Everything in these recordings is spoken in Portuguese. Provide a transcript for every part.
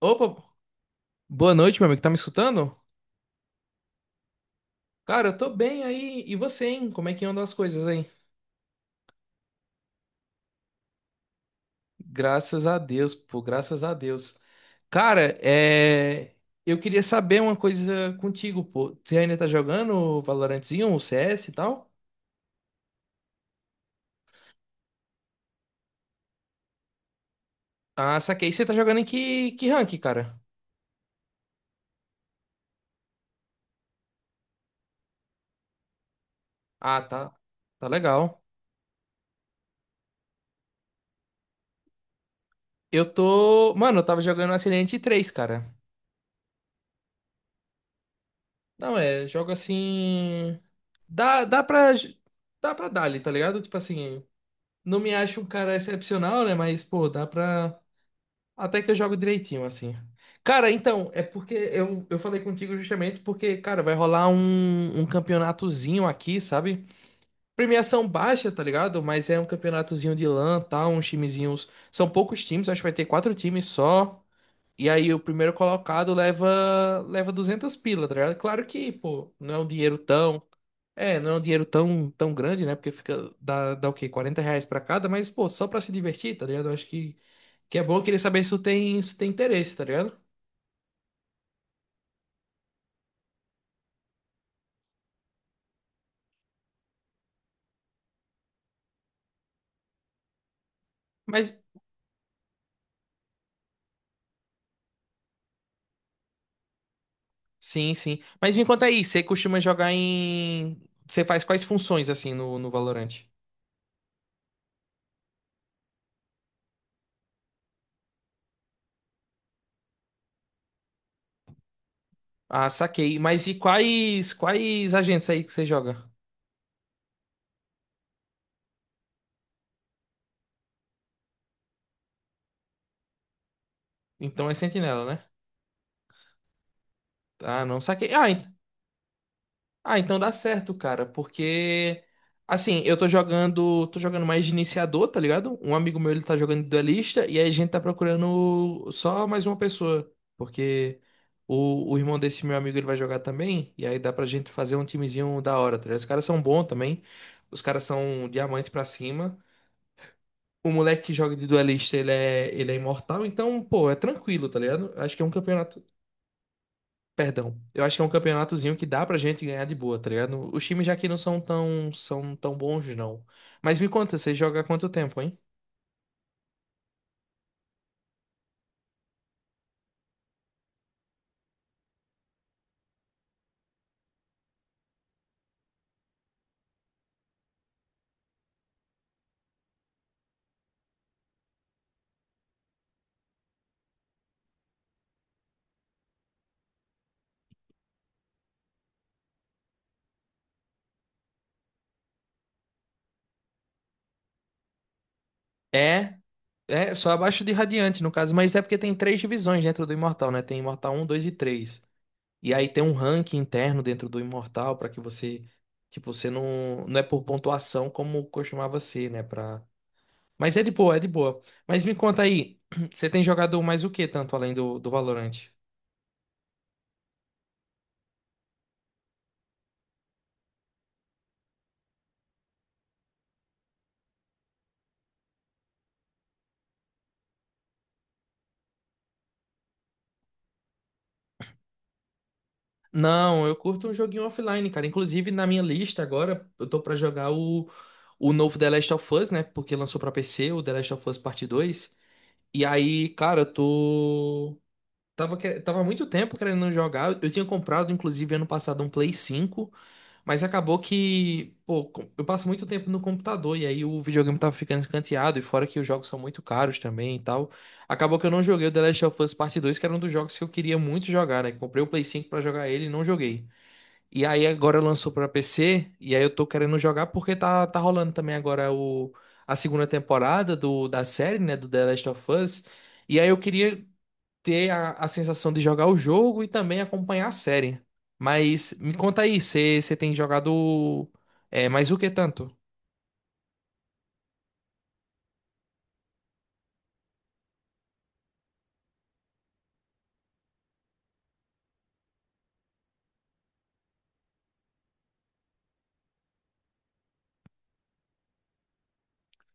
Opa, boa noite, meu amigo. Tá me escutando? Cara, eu tô bem aí. E você, hein? Como é que andam as coisas aí? Graças a Deus, pô, graças a Deus. Cara, eu queria saber uma coisa contigo, pô. Você ainda tá jogando o Valorantzinho, o CS e tal? Ah, saquei. Você tá jogando em que rank, cara? Ah, tá. Tá legal. Eu tô. Mano, eu tava jogando Ascendente 3, cara. Não, é, jogo assim. Dá, dá pra. Dá pra dar ali, tá ligado? Tipo assim. Não me acho um cara excepcional, né? Mas, pô, dá pra. Até que eu jogo direitinho, assim. Cara, então, é porque eu falei contigo justamente porque, cara, vai rolar um campeonatozinho aqui, sabe? Premiação baixa, tá ligado? Mas é um campeonatozinho de LAN, tal, uns timezinhos. São poucos times, acho que vai ter quatro times só. E aí o primeiro colocado leva 200 pila, tá ligado? Claro que, pô, não é um dinheiro tão não é um dinheiro tão grande, né? Porque dá o quê? R$ 40 pra cada, mas, pô, só pra se divertir, tá ligado? Eu acho que é bom, eu queria saber se tu tem interesse, tá ligado? Mas, sim, sim. Mas me conta aí, você costuma jogar em. Você faz quais funções, assim, no Valorant? Ah, saquei. Mas e quais agentes aí que você joga? Então é sentinela, né? Ah, não saquei. Ah, então dá certo, cara, porque assim, eu tô jogando mais de iniciador, tá ligado? Um amigo meu ele tá jogando de duelista e aí a gente tá procurando só mais uma pessoa, porque o irmão desse meu amigo ele vai jogar também e aí dá pra gente fazer um timezinho da hora, tá ligado? Os caras são bons também. Os caras são diamante pra cima. O moleque que joga de duelista, ele é imortal, então, pô, é tranquilo, tá ligado? Acho que é um campeonato. Perdão, eu acho que é um campeonatozinho que dá pra gente ganhar de boa, tá ligado? Os times já que não são tão, são tão bons, não. Mas me conta, você joga há quanto tempo, hein? É, é só abaixo de Radiante, no caso, mas é porque tem três divisões dentro do Imortal, né? Tem Imortal um, 2 e três. E aí tem um ranking interno dentro do Imortal pra que você, tipo, você não, não é por pontuação como costumava ser, né, para. Mas é de boa, é de boa. Mas me conta aí, você tem jogado mais o que tanto além do Valorant? Não, eu curto um joguinho offline, cara. Inclusive, na minha lista agora, eu tô pra jogar o novo The Last of Us, né? Porque lançou pra PC, o The Last of Us Parte Dois. E aí, cara, eu tô. Tava há muito tempo querendo jogar. Eu tinha comprado, inclusive, ano passado, um Play 5. Mas acabou que, pô, eu passo muito tempo no computador e aí o videogame tava ficando escanteado. E fora que os jogos são muito caros também e tal. Acabou que eu não joguei o The Last of Us Parte Dois, que era um dos jogos que eu queria muito jogar, né? Comprei o Play 5 pra jogar ele e não joguei. E aí agora lançou pra PC, e aí eu tô querendo jogar porque tá rolando também agora a segunda temporada da série, né, do The Last of Us. E aí eu queria ter a sensação de jogar o jogo e também acompanhar a série. Mas me conta aí, você tem jogado mais o que tanto?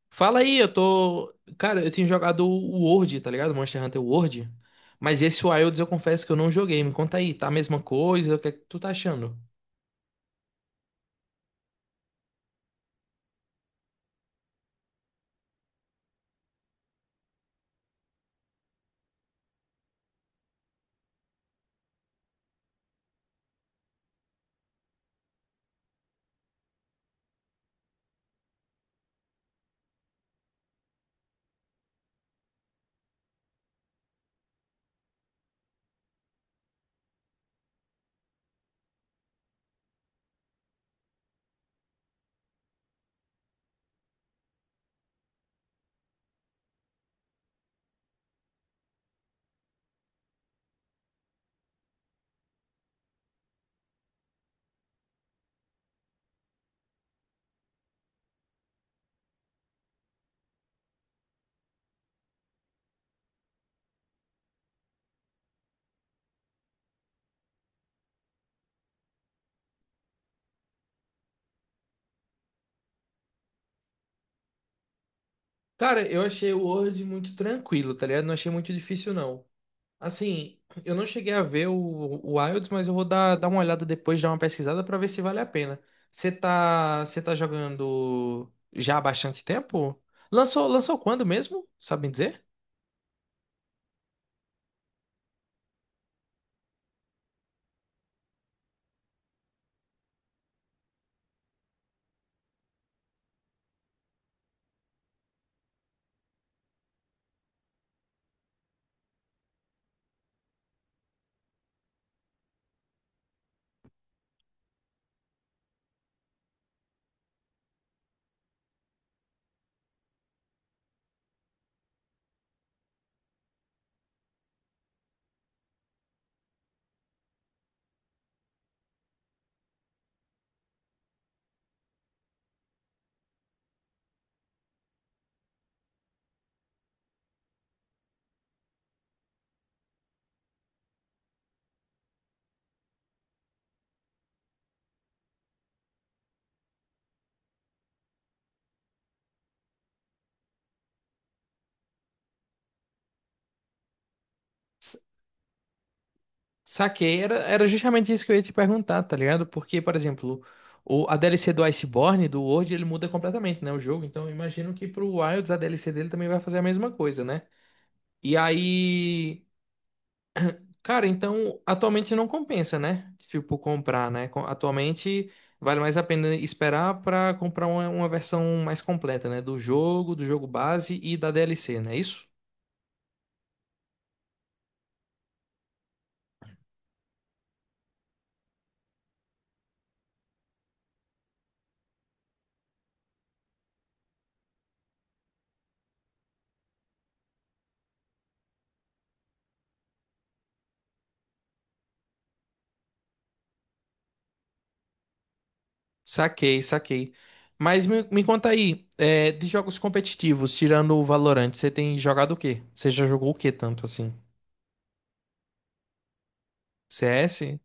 Fala aí, eu tô. Cara, eu tenho jogado o World, tá ligado? Monster Hunter World. Mas esse Wilds eu confesso que eu não joguei. Me conta aí, tá a mesma coisa? O que é que tu tá achando? Cara, eu achei o World muito tranquilo, tá ligado? Não achei muito difícil, não. Assim, eu não cheguei a ver o Wilds, mas eu vou dar uma olhada depois, dar uma pesquisada pra ver se vale a pena. Você tá jogando já há bastante tempo? Lançou quando mesmo? Sabem dizer? S- Saquei, era justamente isso que eu ia te perguntar, tá ligado? Porque, por exemplo, a DLC do Iceborne, do World, ele muda completamente, né? O jogo, então eu imagino que pro Wilds a DLC dele também vai fazer a mesma coisa, né? E aí. Cara, então atualmente não compensa, né? Tipo, comprar, né? Atualmente vale mais a pena esperar pra comprar uma versão mais completa, né? Do jogo base e da DLC, não é isso? Saquei, saquei. Mas me conta aí, de jogos competitivos, tirando o Valorant, você tem jogado o quê? Você já jogou o quê tanto assim? CS?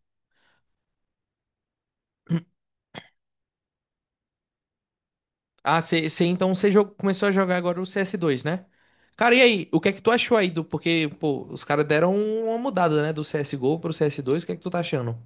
Ah, você então você começou a jogar agora o CS2, né? Cara, e aí? O que é que tu achou aí do. Porque, pô, os caras deram uma mudada, né? Do CSGO pro CS2, o que é que tu tá achando?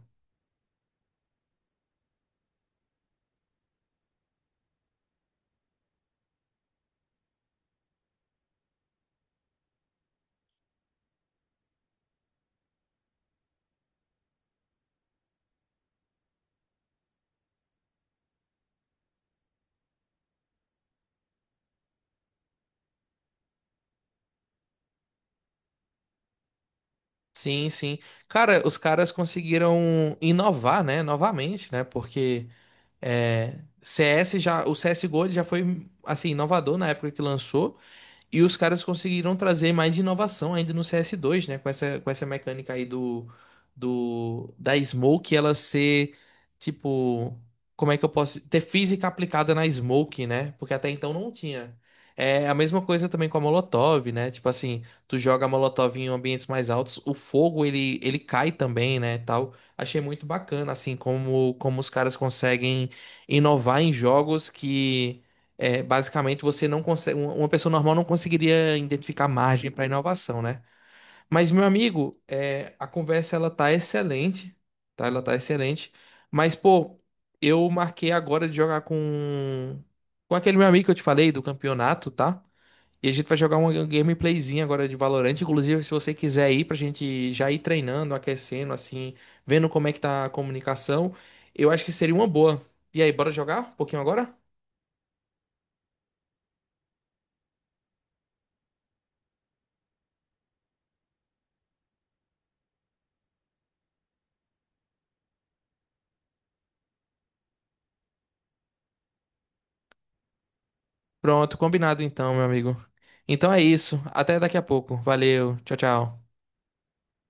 Sim, sim. Cara, os caras conseguiram inovar, né? Novamente, né? Porque CS já. O CSGO ele já foi, assim, inovador na época que lançou. E os caras conseguiram trazer mais inovação ainda no CS2, né? Com essa mecânica aí da Smoke, ela ser, tipo, como é que eu posso. Ter física aplicada na Smoke, né? Porque até então não tinha. É a mesma coisa também com a Molotov, né? Tipo assim, tu joga a Molotov em ambientes mais altos, o fogo, ele cai também, né? Tal. Achei muito bacana, assim, como os caras conseguem inovar em jogos que é, basicamente, você não consegue, uma pessoa normal não conseguiria identificar margem para inovação, né? Mas, meu amigo, a conversa ela tá excelente, tá? Ela tá excelente. Mas, pô, eu marquei agora de jogar com aquele meu amigo que eu te falei do campeonato, tá? E a gente vai jogar uma gameplayzinha agora de Valorant. Inclusive, se você quiser ir pra gente já ir treinando, aquecendo, assim, vendo como é que tá a comunicação, eu acho que seria uma boa. E aí, bora jogar um pouquinho agora? Pronto, combinado então, meu amigo. Então é isso. Até daqui a pouco. Valeu. Tchau, tchau.